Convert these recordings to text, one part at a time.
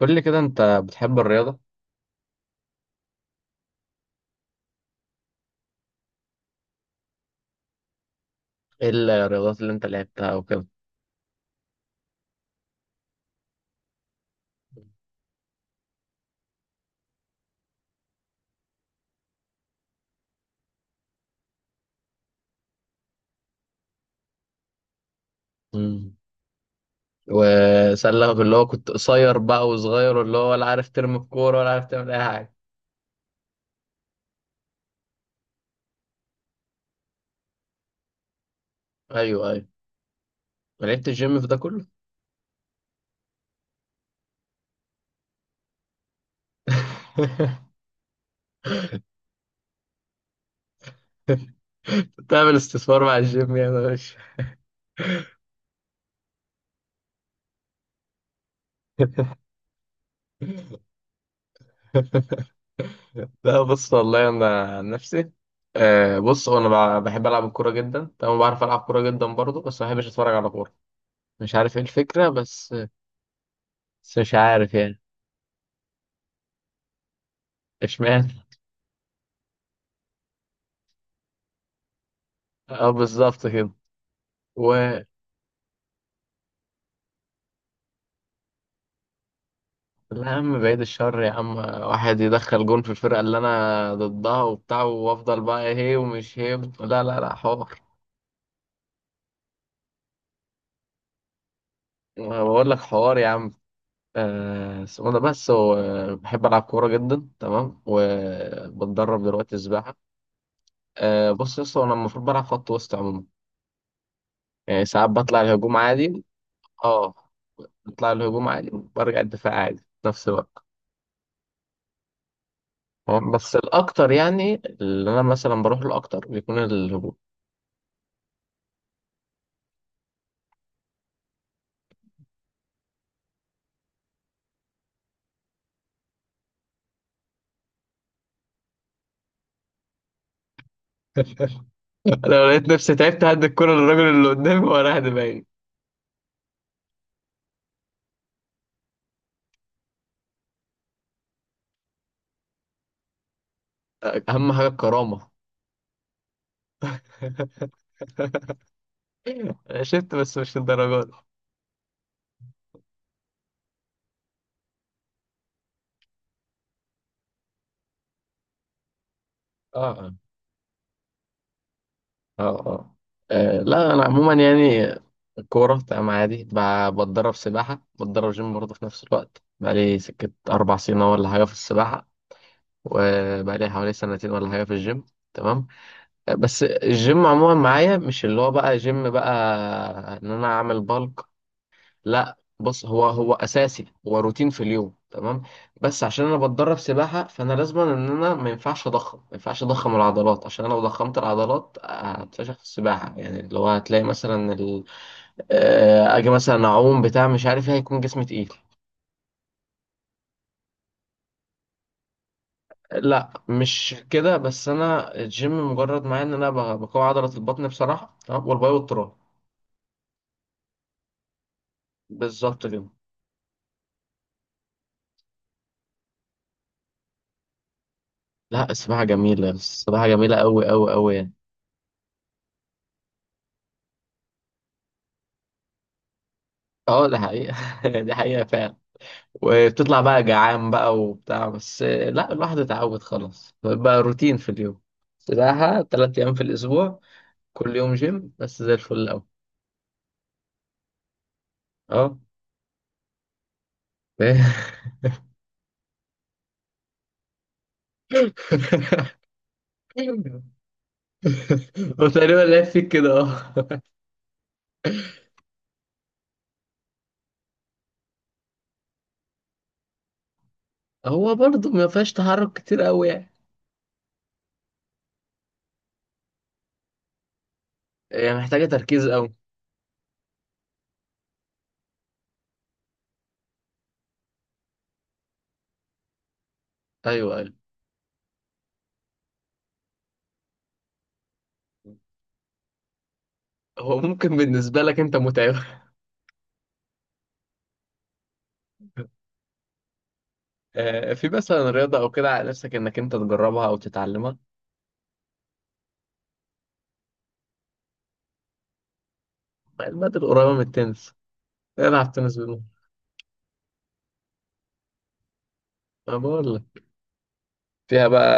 قول لي كده انت بتحب الرياضة؟ ايه الرياضات اللي انت لعبتها وكده؟ مم. وسألك اللي هو كنت قصير بقى وصغير واللي هو ولا عارف ترمي الكورة ولا عارف تعمل اي حاجة؟ ايوه، ايوه. ما لعبت الجيم في ده كله؟ تعمل استثمار مع الجيم يا باشا؟ لا، بص والله انا عن نفسي. بص هو انا بحب العب الكوره جدا، تمام، بعرف العب كوره جدا برضه، بس ما بحبش اتفرج على كوره. مش عارف ايه الفكره بس. بس مش عارف يعني. اشمعنى؟ اه، بالظبط كده. ولا، يا عم بعيد الشر يا عم، واحد يدخل جون في الفرقة اللي أنا ضدها وبتاع، وأفضل بقى هي ومش هي. لا، لا، لا حوار. بقول لك حوار يا عم. اسمه ده، بس هو بحب ألعب كورة جدا، تمام، وبتدرب دلوقتي سباحة. بص يا اسطى، أنا المفروض بلعب خط وسط عموما. يعني ساعات بطلع الهجوم عادي. اه، بطلع الهجوم عادي وبرجع الدفاع عادي في نفس الوقت. تمام؟ بس الأكتر يعني، اللي أنا مثلا بروح له أكتر بيكون الهجوم. انا لو لقيت نفسي تعبت هدي الكرة للراجل اللي قدامي وراح دماغي. أهم حاجة الكرامة. أنا شفت، بس مش للدرجة دي. اه، اه. اه، اه. لا، أنا عموما يعني الكورة تمام عادي، بتدرب سباحة، بتدرب جيم برضه في نفس الوقت، بقالي سكة 4 سنين أهو ولا حاجة في السباحة، وبقالي حوالي سنتين ولا حاجة في الجيم. تمام. بس الجيم عموما معايا مش اللي هو بقى جيم بقى، إن أنا أعمل بالك. لا، بص هو هو اساسي، هو روتين في اليوم، تمام. بس عشان انا بتدرب سباحه، فانا لازم ان انا ما ينفعش اضخم العضلات، عشان انا لو ضخمت العضلات هتفشخ في السباحه، يعني اللي هو هتلاقي مثلا اجي مثلا اعوم بتاع مش عارف ايه، هيكون جسمي تقيل. لا، مش كده، بس انا الجيم مجرد معايا ان انا بقوي عضله البطن بصراحه، تمام، والباي والتراي. بالظبط كده. لا، السباحه جميله، السباحه جميله قوي قوي قوي يعني. اه، ده حقيقه. دي حقيقه فعلا. وبتطلع بقى جعان بقى وبتاع، بس لا، الواحد اتعود خلاص، بقى روتين في اليوم. سباحة 3 أيام في الأسبوع، كل يوم جيم بس زي الفل أوي. أه. هو تقريبا لعب فيك كده، أه. هو برضه ما فيهاش تحرك كتير أوي يعني. يعني محتاجة تركيز أوي. أيوه، أيوه. هو ممكن بالنسبة لك أنت متعبة. في مثلا رياضة أو كده على نفسك إنك أنت تجربها أو تتعلمها؟ المادة القريبة من التنس، العب تنس بالمرة. أنا بقول لك، فيها بقى،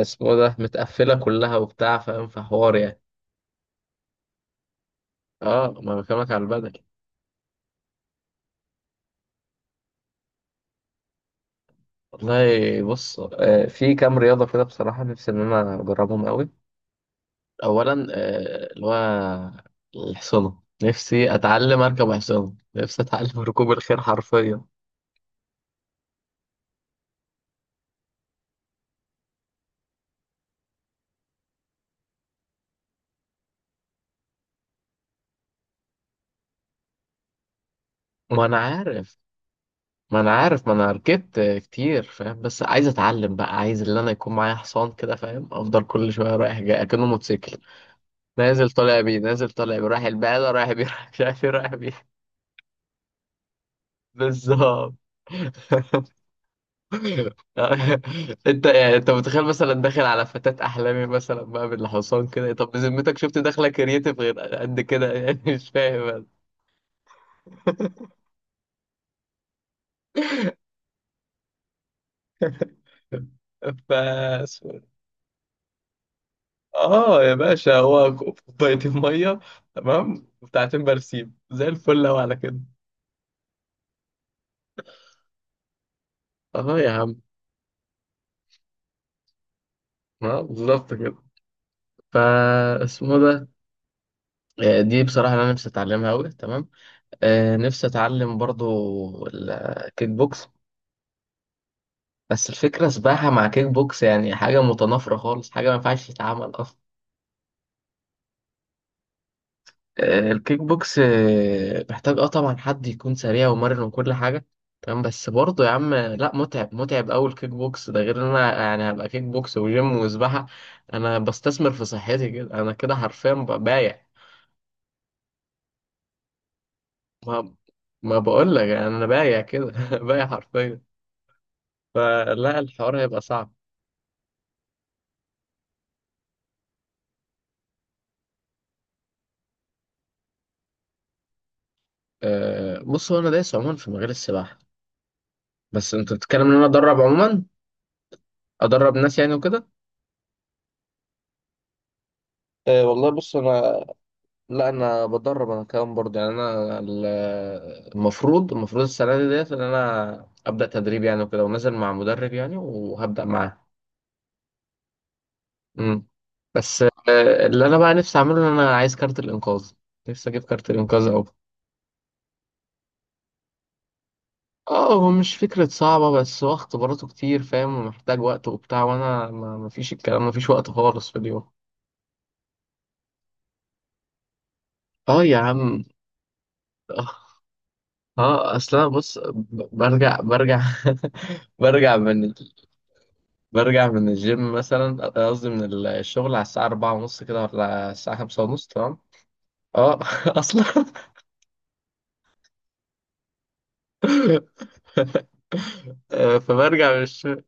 اسمه ده متقفلة كلها وبتاع، فاهم، في حوار يعني. اه، ما أنا بكلمك على البدل. والله بص، في كام رياضة كده بصراحة نفسي إن أنا أجربهم أوي. أولا اللي هو الحصانة، نفسي أتعلم أركب حصانة، نفسي أتعلم ركوب الخيل حرفيا. ما أنا عارف، ما أنا عارف، ما أنا ركبت كتير فاهم، بس عايز أتعلم بقى، عايز اللي أنا يكون معايا حصان كده فاهم، أفضل كل شوية رايح جاي أكنه موتوسيكل، نازل طالع بيه، نازل طالع بيه، رايح البقالة رايح بيه، رايح مش عارف ايه رايح بيه. بالظبط. انت يعني انت متخيل مثلا داخل على فتاة احلامي مثلا بقى بالحصان كده؟ طب بذمتك شفت داخله كرييتيف غير قد كده يعني؟ مش فاهم انا. ف اه يا باشا، هو كوبايتين ميه تمام، وبتاعتين برسيم زي الفل لو على كده. اه يا عم، اه، بالظبط كده. فا، اسمه ده، دي بصراحه انا نفسي اتعلمها قوي، تمام. نفسي اتعلم برضو الكيك بوكس. بس الفكره سباحه مع كيك بوكس يعني حاجه متنافره خالص، حاجه ما ينفعش تتعمل اصلا. الكيك بوكس محتاج، اه طبعا، حد يكون سريع ومرن وكل حاجه، تمام. بس برضه يا عم، لا، متعب، متعب قوي الكيك بوكس ده، غير ان انا يعني هبقى كيك بوكس وجيم وسباحه. انا بستثمر في صحتي كده، انا كده حرفيا بايع. ما ما بقول لك انا بايع كده. بايع حرفيا. فلا الحوار هيبقى صعب. أه، بص هو انا دايس عموما في مجال السباحه. بس انت بتتكلم ان انا ادرب عموما، ادرب ناس يعني وكده. أه، والله بص انا، لا، انا بدرب، انا كمان برضه يعني انا المفروض السنه دي ديت ان انا ابدا تدريب يعني وكده، ونازل مع مدرب يعني، وهبدا معاه. امم. بس أه، اللي انا بقى نفسي اعمله ان انا عايز كارت الانقاذ، نفسي اجيب كارت الانقاذ او... اه، هو مش فكرة صعبة، بس هو اختباراته كتير فاهم، ومحتاج وقت وبتاع، وانا ما فيش الكلام، ما فيش وقت خالص في اليوم. اه يا عم. اه، اصلا بص، برجع برجع من ال- برجع من الجيم مثلا، قصدي من الشغل على الساعة 4:30 كده ولا الساعة 5:30، تمام. اه. اصلا. فبرجع من الشغل.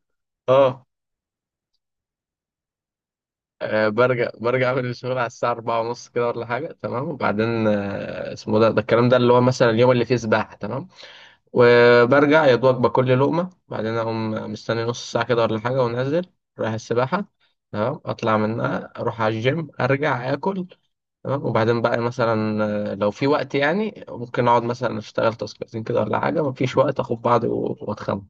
اه. برجع من الشغل على الساعة أربعة ونص كده ولا حاجة، تمام. وبعدين اسمه ده الكلام ده اللي هو مثلا اليوم اللي فيه سباحة، تمام. وبرجع يا دوبك باكل لي لقمة، بعدين أقوم مستني نص ساعة كده ولا حاجة، وأنزل رايح السباحة. تمام، أطلع منها أروح على الجيم، أرجع آكل، تمام. وبعدين بقى مثلا، لو في وقت يعني ممكن أقعد مثلا أشتغل تاسكاتين كده ولا حاجة، مفيش وقت، أخد بعضي و- وأتخمم.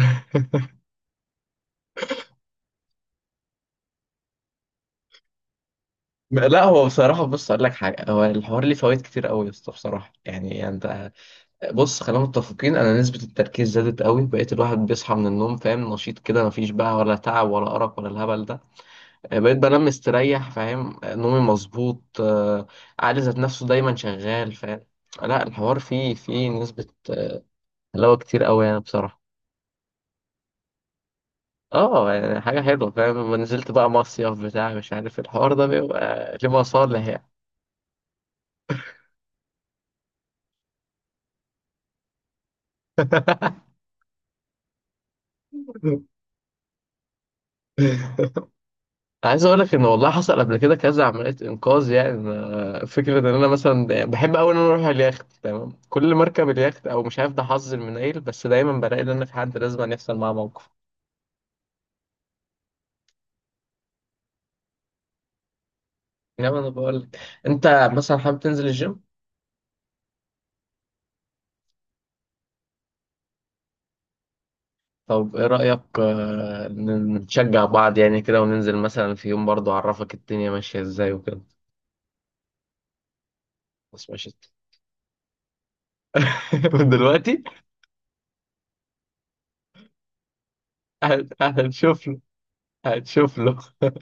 لا، هو بصراحة بص أقول لك حاجة، هو الحوار ليه فوائد كتير قوي يا اسطى بصراحة، يعني أنت، بص خلينا متفقين، أنا نسبة التركيز زادت قوي، بقيت الواحد بيصحى من النوم فاهم نشيط كده، مفيش بقى ولا تعب ولا أرق ولا الهبل ده. يعني بقيت بنام مستريح فاهم، نومي مظبوط، عقلي ذات نفسه دايما شغال فاهم. لا، الحوار فيه نسبة حلاوة كتير قوي يعني بصراحة. اه، يعني حاجة حلوة فاهم، لما نزلت بقى مصيف بتاع مش عارف الحوار ده بيبقى ليه مصالح يعني. عايز اقول لك ان والله حصل قبل كده كذا عمليه انقاذ يعني. فكره ان انا مثلا بحب قوي ان انا اروح اليخت، تمام، كل ما اركب اليخت او مش عارف ده حظ المنيل، بس دايما بلاقي ان انا في حد لازم أن يحصل معاه موقف. نعم، انا بقول لك، انت مثلا حابب تنزل الجيم؟ طب ايه رأيك، نشجع بعض يعني كده، وننزل مثلا في يوم برضه اعرفك الدنيا ماشية ازاي وكده؟ بس ماشي. من دلوقتي. هنشوف له. هنشوف له.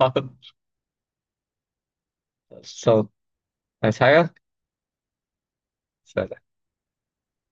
حاضر. خلصان. عايز حاجة؟ سلام.